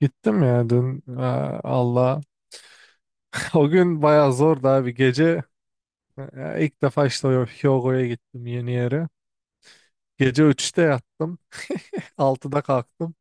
Gittim ya dün. Aa, Allah. O gün bayağı zordu abi, gece. İlk defa işte o Hyogo'ya gittim, yeni yere. Gece 3'te yattım. 6'da kalktım.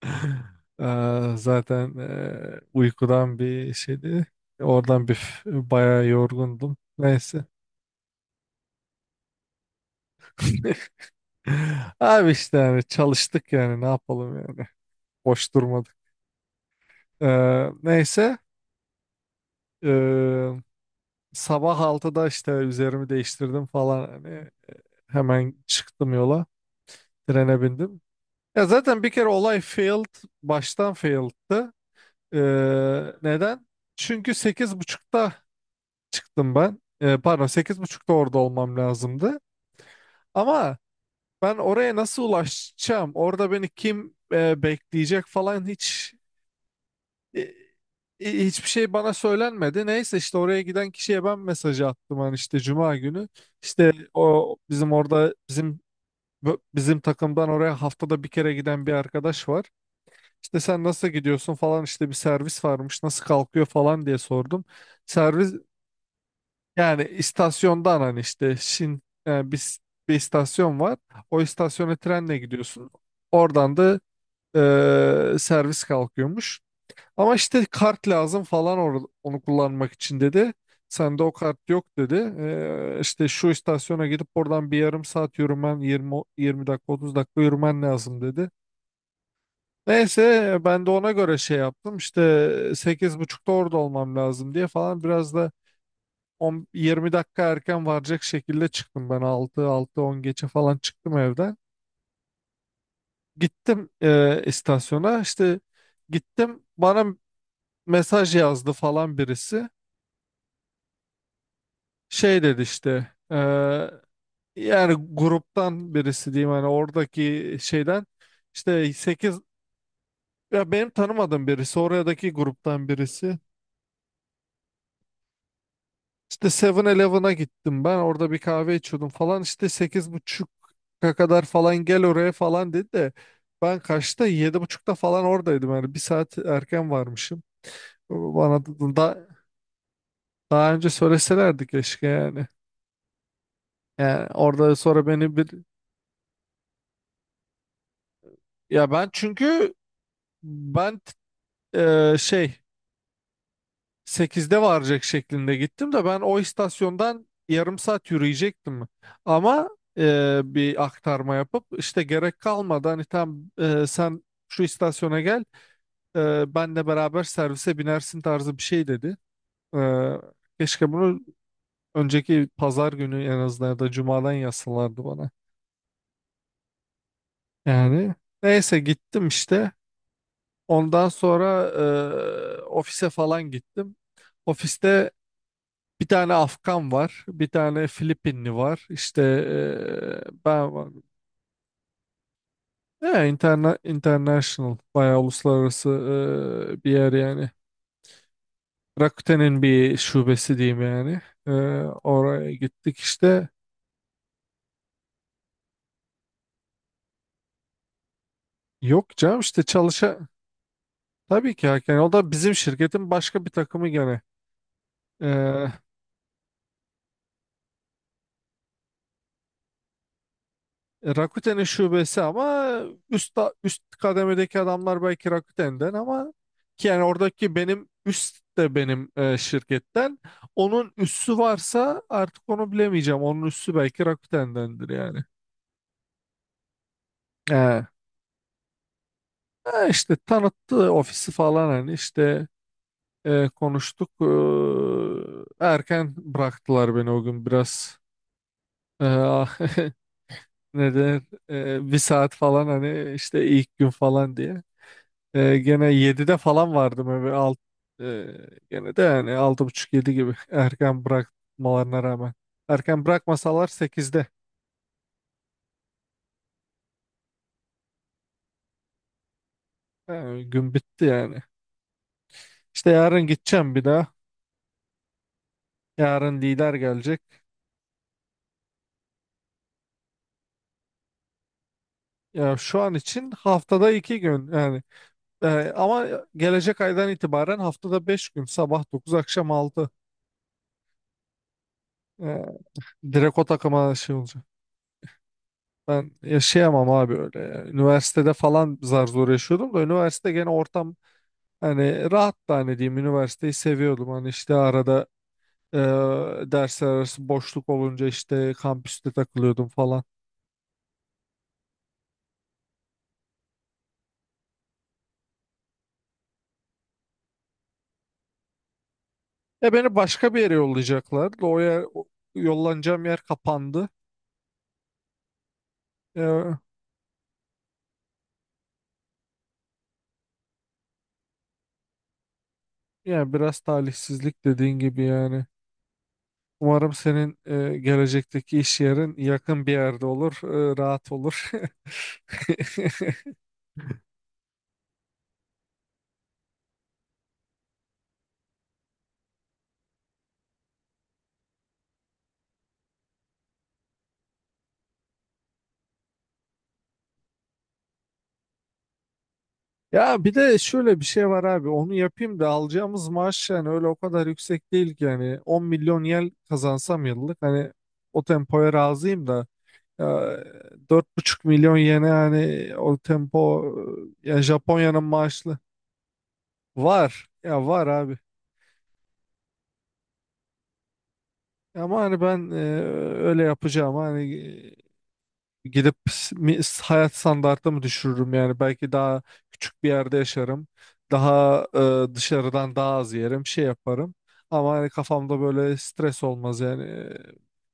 Zaten uykudan bir şeydi. Oradan bayağı yorgundum. Neyse. Abi işte, yani çalıştık yani, ne yapalım yani. Boş durmadık. Neyse. Eee, sabah 6'da işte üzerimi değiştirdim falan. Hani, hemen çıktım yola. Trene bindim. Ya zaten bir kere olay failed. Baştan failed'tı. Ee, neden? Çünkü 8:30'da çıktım ben. Pardon, 8:30'da orada olmam lazımdı. Ama ben oraya nasıl ulaşacağım? Orada beni kim bekleyecek falan, hiç e, hiçbir şey bana söylenmedi. Neyse, işte oraya giden kişiye ben mesajı attım. Hani, işte Cuma günü. İşte o bizim orada, bizim bizim takımdan oraya haftada bir kere giden bir arkadaş var. İşte sen nasıl gidiyorsun falan, işte bir servis varmış, nasıl kalkıyor falan diye sordum. Servis, yani istasyondan hani işte Şin, yani bir istasyon var. O istasyona trenle gidiyorsun. Oradan da servis kalkıyormuş. Ama işte kart lazım falan, onu kullanmak için dedi. Sende o kart yok dedi. İşte şu istasyona gidip oradan bir yarım saat yürümen, 20 20 dakika, 30 dakika yürümen lazım dedi. Neyse ben de ona göre şey yaptım. İşte 8:30'da orada olmam lazım diye falan, biraz da 10 20 dakika erken varacak şekilde çıktım ben, 6 6 10 geçe falan çıktım evden. Gittim istasyona. İşte gittim, bana mesaj yazdı falan birisi. Şey dedi işte, yani gruptan birisi diyeyim hani, oradaki şeyden işte sekiz, ya benim tanımadığım birisi, oradaki gruptan birisi. İşte Seven elevena gittim, ben orada bir kahve içiyordum falan işte, 8:30'a kadar falan gel oraya falan dedi. De ben kaçta, 7:30'da falan oradaydım, yani bir saat erken varmışım. Bana daha önce söyleselerdi keşke yani. Yani orada sonra beni bir, ya ben çünkü ben, şey 8'de varacak şeklinde gittim de, ben o istasyondan yarım saat yürüyecektim. Ama bir aktarma yapıp işte gerek kalmadı hani, tam sen şu istasyona gel, benle beraber servise binersin tarzı bir şey dedi. E, keşke bunu önceki pazar günü en azından, ya da cumadan yazsalardı bana. Yani neyse, gittim işte. Ondan sonra ofise falan gittim. Ofiste bir tane Afgan var, bir tane Filipinli var. İşte ben var. Ya, international, bayağı uluslararası bir yer yani. Rakuten'in bir şubesi diyeyim yani. Eee, oraya gittik işte. Yok canım, işte çalışa... Tabii ki yani, o da bizim şirketin başka bir takımı gene. E, Rakuten'in şubesi ama üst üst kademedeki adamlar belki Rakuten'den, ama ki yani oradaki benim üst de benim şirketten. Onun üssü varsa artık, onu bilemeyeceğim. Onun üssü belki Rakuten'dendir yani. He. He, işte tanıttı ofisi falan hani işte konuştuk. E, erken bıraktılar beni o gün biraz. E, ne denir? Bir saat falan hani işte, ilk gün falan diye. Gene 7'de falan vardım eve. E, gene de yani altı buçuk yedi gibi erken bırakmalarına rağmen. Erken bırakmasalar 8'de, yani gün bitti yani. İşte yarın gideceğim bir daha. Yarın lider gelecek. Ya şu an için haftada 2 gün yani. Ama gelecek aydan itibaren haftada 5 gün. Sabah 9, akşam 6. Ee, direkt o takıma şey olacak. Ben yaşayamam abi öyle, ya. Üniversitede falan zar zor yaşıyordum da, üniversite gene ortam. Hani rahat da hani diyeyim, üniversiteyi seviyordum. Hani işte arada e, dersler arası boşluk olunca işte kampüste takılıyordum falan. E beni başka bir yere yollayacaklardı. Yollanacağım yer kapandı. E, yani biraz talihsizlik dediğin gibi yani. Umarım senin gelecekteki iş yerin yakın bir yerde olur, rahat olur. Ya bir de şöyle bir şey var abi, onu yapayım da alacağımız maaş yani öyle o kadar yüksek değil ki. Yani 10 milyon yen kazansam yıllık, hani o tempoya razıyım da, ya, 4,5 milyon yene yani o tempo. Ya Japonya'nın maaşlı, var ya, var abi. Ama hani ben, öyle yapacağım hani, gidip hayat standartımı düşürürüm yani. Belki daha küçük bir yerde yaşarım, daha dışarıdan daha az yerim, şey yaparım, ama hani kafamda böyle stres olmaz yani. E,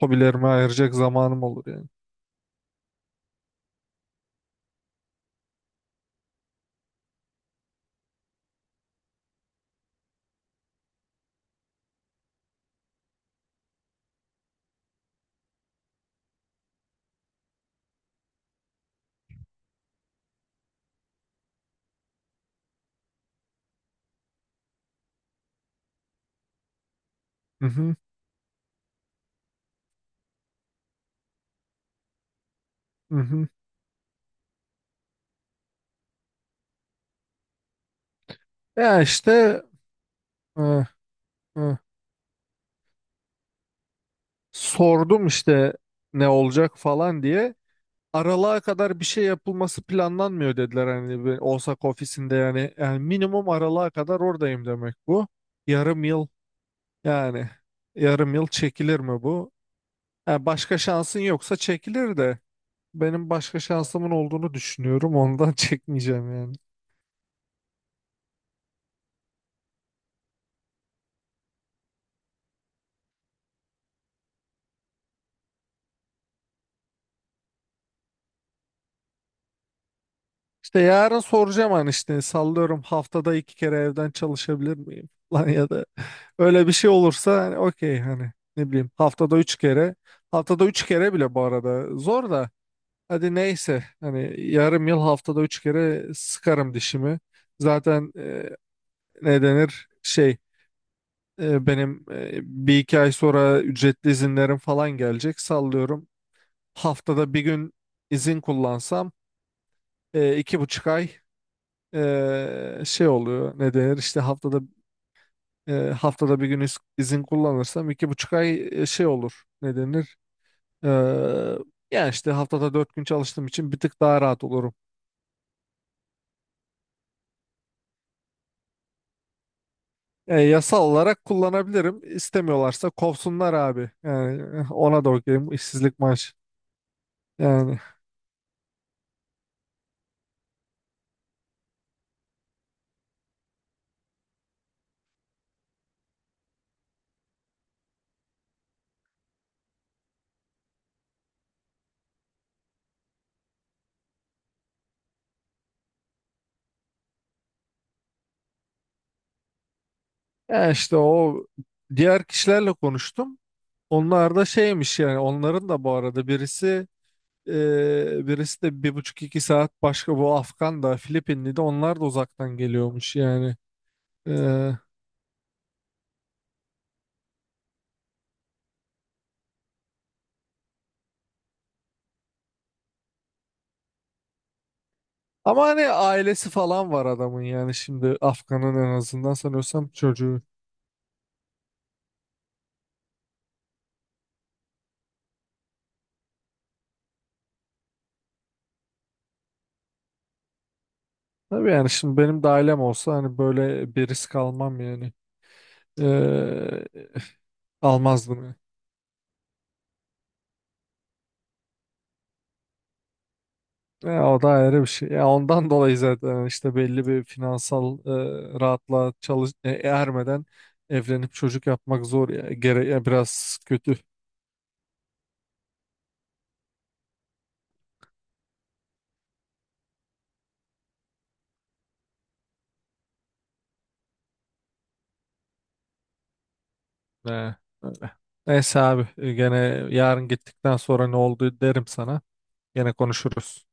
hobilerime ayıracak zamanım olur yani. Hı hı, hı hı. Ya işte e, e, sordum işte ne olacak falan diye. Aralığa kadar bir şey yapılması planlanmıyor dediler, hani bir Osaka ofisinde yani. Yani minimum aralığa kadar oradayım demek bu, yarım yıl. Yani yarım yıl çekilir mi bu? Ha, başka şansın yoksa çekilir de, benim başka şansımın olduğunu düşünüyorum, ondan çekmeyeceğim yani. İşte yarın soracağım, hani işte sallıyorum, haftada 2 kere evden çalışabilir miyim? Lan, ya da öyle bir şey olursa hani okey, hani ne bileyim, haftada 3 kere, haftada 3 kere bile bu arada zor da. Hadi neyse, hani yarım yıl haftada 3 kere sıkarım dişimi. Zaten ne denir şey, benim bir iki ay sonra ücretli izinlerim falan gelecek sallıyorum. Haftada bir gün izin kullansam 2,5 ay şey oluyor, ne denir işte. Haftada haftada bir gün izin kullanırsam 2,5 ay şey olur, ne denir. E, yani işte haftada 4 gün çalıştığım için bir tık daha rahat olurum. Yasal olarak kullanabilirim. İstemiyorlarsa kovsunlar abi. Yani eh, ona da okeyim. İşsizlik maaşı. Yani. Ya işte o, diğer kişilerle konuştum. Onlar da şeymiş yani, onların da bu arada birisi birisi de bir buçuk iki saat başka. Bu Afgan da Filipinli de, onlar da uzaktan geliyormuş yani. E, ama hani ailesi falan var adamın yani. Şimdi Afgan'ın en azından sanıyorsam çocuğu. Tabii yani, şimdi benim de ailem olsa hani böyle bir risk almam yani. E, almazdım yani. Ya o da ayrı bir şey. Ya ondan dolayı zaten işte belli bir finansal rahatlığa ermeden evlenip çocuk yapmak zor ya. Gere, ya biraz kötü. Ne, öyle. Neyse abi, gene yarın gittikten sonra ne oldu derim sana. Gene konuşuruz.